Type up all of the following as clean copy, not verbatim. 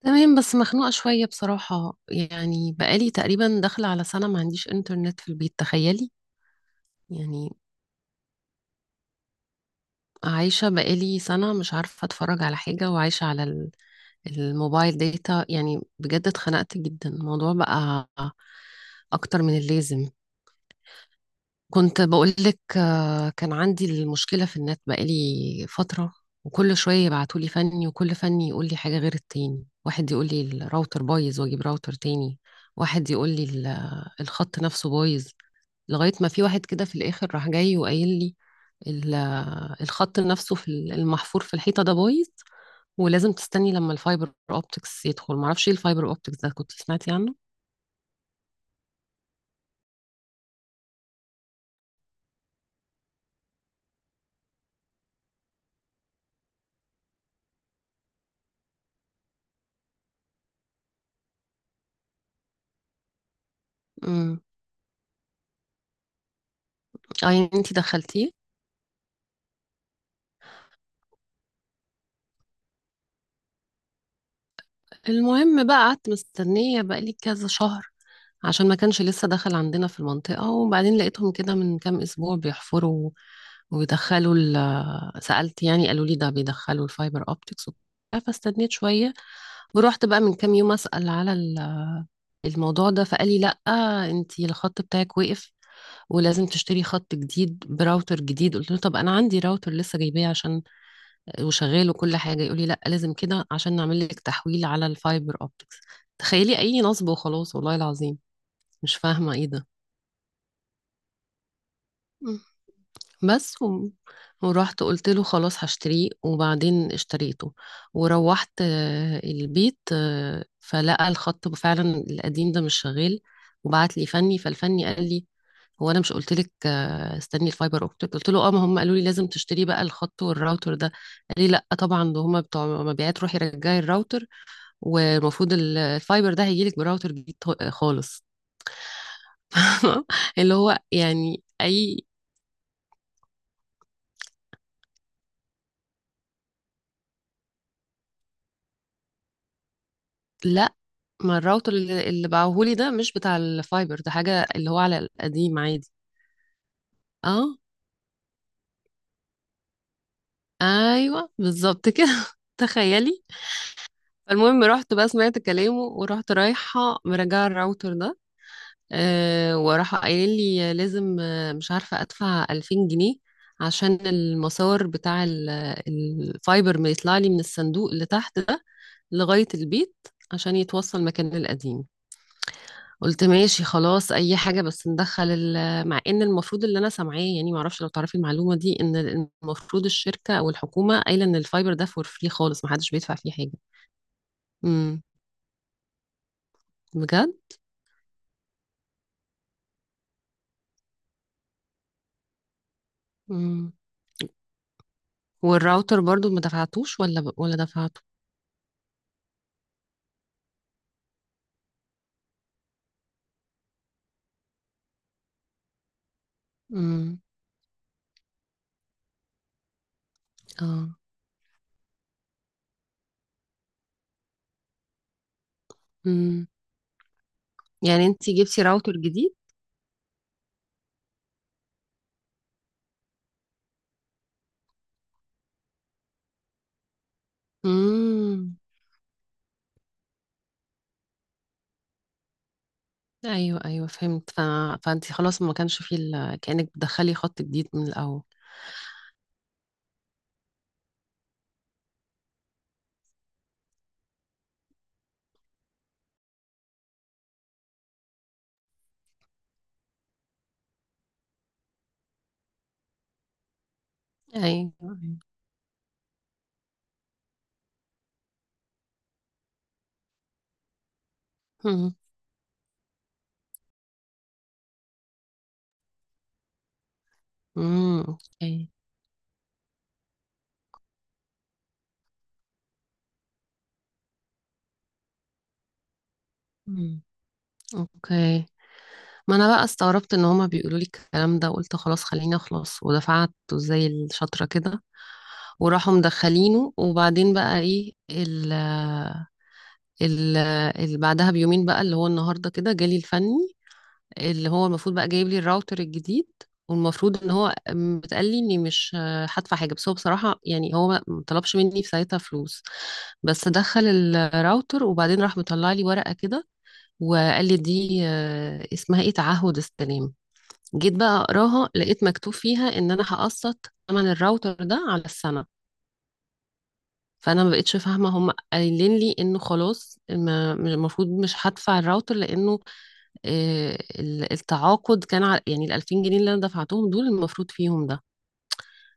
تمام، بس مخنوقة شوية بصراحة. يعني بقالي تقريبا داخلة على سنة ما عنديش انترنت في البيت، تخيلي. يعني عايشة بقالي سنة مش عارفة اتفرج على حاجة، وعايشة على الموبايل داتا. يعني بجد اتخنقت جدا، الموضوع بقى أكتر من اللازم. كنت بقولك، كان عندي المشكلة في النت بقالي فترة. وكل شوية يبعتولي فني، وكل فني يقولي حاجة غير التاني، واحد يقولي الراوتر بايظ واجيب راوتر تاني، واحد يقولي الخط نفسه بايظ. لغاية ما في واحد كده في الآخر راح جاي وقايل لي ال- الخط نفسه في المحفور في الحيطة ده بايظ. ولازم تستني لما الفايبر اوبتكس يدخل. معرفش ايه الفايبر اوبتكس ده، كنت سمعتي عنه؟ امم. اه، يعني انتي دخلتيه؟ المهم بقى قعدت مستنية بقالي كذا شهر عشان ما كانش لسه دخل عندنا في المنطقة، وبعدين لقيتهم كده من كام أسبوع بيحفروا. وبيدخلوا سألت يعني، قالوا لي ده بيدخلوا الفايبر أوبتكس وبتاع، فاستنيت شوية. ورحت بقى من كام يوم أسأل على الموضوع ده، فقال لي لأ، أنتي الخط بتاعك وقف، ولازم تشتري خط جديد براوتر جديد. قلت له طب أنا عندي راوتر لسه جايباه عشان وشغال وكل حاجة، يقولي لأ لازم كده عشان نعمل لك تحويل على الفايبر أوبتكس. تخيلي، أي نصب وخلاص والله العظيم. مش فاهمة إيه ده. مم. بس ورحت قلت له خلاص هشتريه، وبعدين اشتريته وروحت البيت، فلقى الخط فعلا القديم ده مش شغال. وبعت لي فني، فالفني قال لي هو انا مش قلت لك استني الفايبر اوبتيك؟ قلت له اه، ما هم قالوا لي لازم تشتري بقى الخط والراوتر ده. قال لي لا طبعا، ده هم بتوع مبيعات، روحي رجعي الراوتر، والمفروض الفايبر ده هيجيلك براوتر جديد خالص. اللي هو يعني اي. لا، ما الراوتر اللي باعهولي ده مش بتاع الفايبر، ده حاجة اللي هو على القديم عادي. اه، ايوه بالظبط كده. تخيلي. المهم رحت بقى سمعت كلامه، ورحت رايحة مراجعة الراوتر ده. أه، وراح قايل لي لازم، مش عارفة، أدفع 2000 جنيه عشان المسار بتاع الفايبر ما يطلع لي من الصندوق اللي تحت لغاية البيت، عشان يتوصل مكان القديم. قلت ماشي خلاص، اي حاجة بس ندخل مع ان المفروض اللي انا سامعاه يعني، معرفش لو تعرفي المعلومة دي، ان المفروض الشركة او الحكومة قايلة ان الفايبر ده فور فري خالص، محدش بيدفع فيه حاجة. امم. بجد؟ امم. والراوتر برضو ما دفعتوش ولا ولا دفعته؟ امم. اه. امم. يعني انتي جبتي راوتر جديد؟ امم. ايوه، ايوه فهمت. فانتي خلاص ما كانش فيه كأنك بتدخلي خط جديد من الاول. ايوه، أيوه. مم. مم. اوكي. مم. اوكي. ما انا بقى استغربت ان هما بيقولوا لي الكلام ده، وقلت خلاص خليني اخلص، ودفعت زي الشاطرة كده. وراحوا مدخلينه. وبعدين بقى ايه، ال ال ال بعدها بيومين بقى، اللي هو النهارده كده، جالي الفني، اللي هو المفروض بقى جايب لي الراوتر الجديد. والمفروض ان هو بتقال لي اني مش هدفع حاجه. بس هو بصراحه يعني، هو ما طلبش مني في ساعتها فلوس. بس دخل الراوتر، وبعدين راح مطلع لي ورقه كده، وقال لي دي اسمها ايه، تعهد السلام. جيت بقى اقراها، لقيت مكتوب فيها ان انا هقسط ثمن الراوتر ده على السنه. فانا ما بقتش فاهمه، هم قايلين لي انه خلاص المفروض مش هدفع الراوتر، لانه التعاقد كان على يعني ال 2000 جنيه اللي انا دفعتهم دول، المفروض فيهم ده.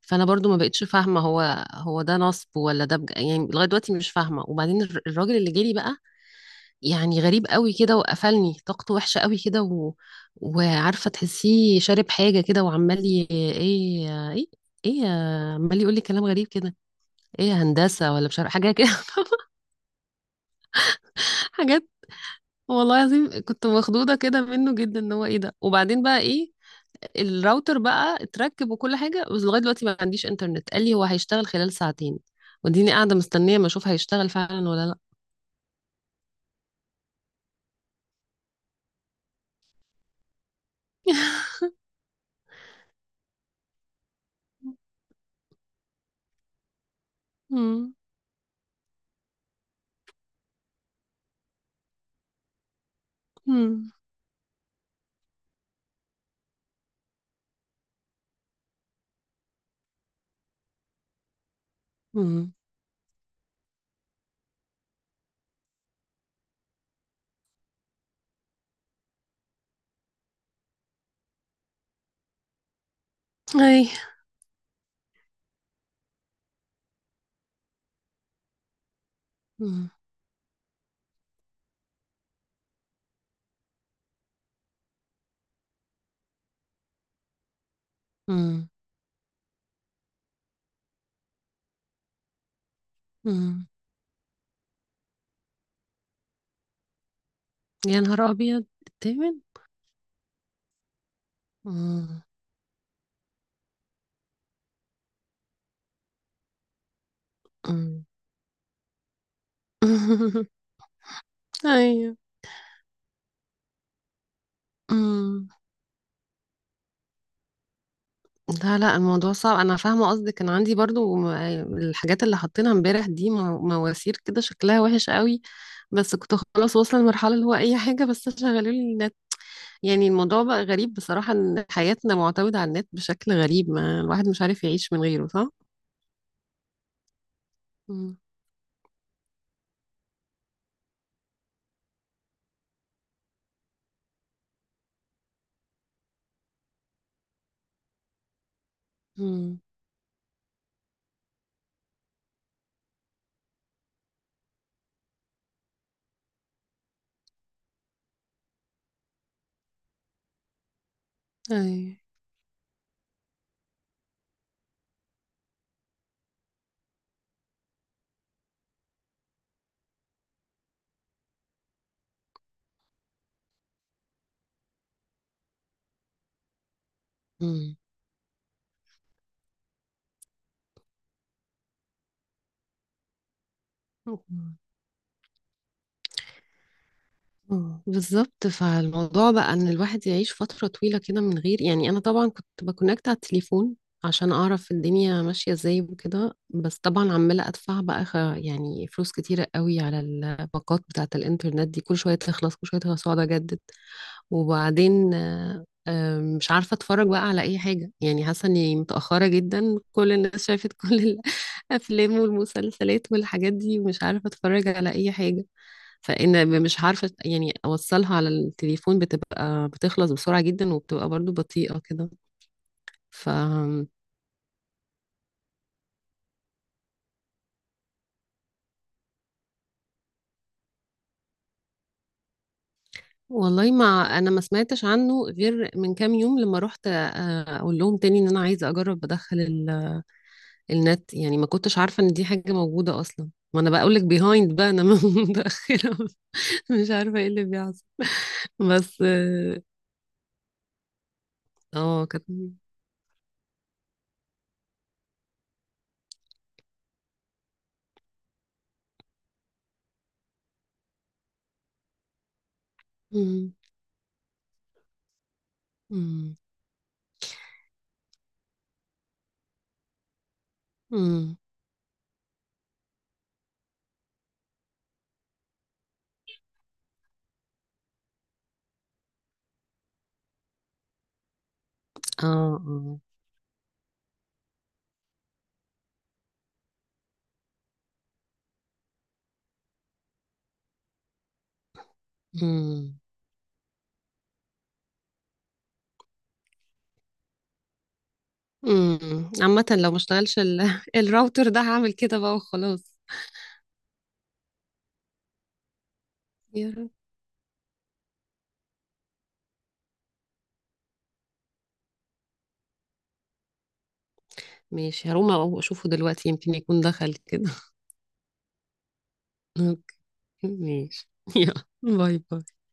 فانا برضو ما بقتش فاهمه، هو هو ده نصب ولا ده يعني لغايه دلوقتي مش فاهمه. وبعدين الراجل اللي جالي بقى، يعني غريب قوي كده وقفلني، طاقته وحشة قوي كده وعارفة تحسيه شارب حاجة كده، وعمال ايه ايه ايه عمال يقول لي كلام غريب كده، ايه يا هندسة ولا مش عارفة حاجة كده. حاجات. والله العظيم كنت مخضوضة كده منه جدا، ان هو ايه ده. وبعدين بقى ايه، الراوتر بقى اتركب وكل حاجة، بس لغاية دلوقتي ما عنديش انترنت. قال لي هو هيشتغل خلال ساعتين، وديني قاعدة مستنية ما اشوف هيشتغل فعلا ولا لا. مم. مم. مم. اي. مم. مم. مم. يا نهار أبيض، التامن؟ مم. مم. أيوه. مم. لا لا، الموضوع صعب، أنا فاهمة قصدك. كان عندي برضو الحاجات اللي حطينا امبارح دي، مواسير كده، شكلها وحش قوي. بس كنت خلاص واصلة لمرحلة اللي هو أي حاجة بس شغلوا لي النت. يعني الموضوع بقى غريب بصراحة، إن حياتنا معتمدة على النت بشكل غريب، ما الواحد مش عارف يعيش من غيره، صح؟ مم. مم. أيوه. مم. بالظبط. فالموضوع بقى ان الواحد يعيش فترة طويلة كده من غير، يعني انا طبعا كنت بكونكت على التليفون عشان اعرف الدنيا ماشية ازاي وكده، بس طبعا عمالة ادفع بقى يعني فلوس كتيرة قوي على الباقات بتاعة الانترنت دي. كل شوية تخلص، كل شوية تخلص واقعد اجدد. وبعدين مش عارفة اتفرج بقى على اي حاجة، يعني حاسة اني متأخرة جدا، كل الناس شافت كل الافلام والمسلسلات والحاجات دي، ومش عارفة اتفرج على اي حاجة. فإن مش عارفة يعني، أوصلها على التليفون بتبقى بتخلص بسرعة جدا، وبتبقى برضو بطيئة كده. ف والله ما أنا ما سمعتش عنه غير من كام يوم، لما رحت أقول لهم تاني إن أنا عايزة أجرب أدخل النت. يعني ما كنتش عارفة إن دي حاجة موجودة أصلا، ما أنا بقول لك بيهايند بقى أنا. متأخرة، مش عارفة إيه اللي بيحصل. بس. اه، كانت. مم، مم، مم. اه، اه. مم. عامة لو ما اشتغلش الراوتر ده هعمل كده بقى وخلاص. يا رب. ماشي هروح اشوفه دلوقتي، يمكن يكون دخل كده. اوكي. ماشي. يلا باي باي.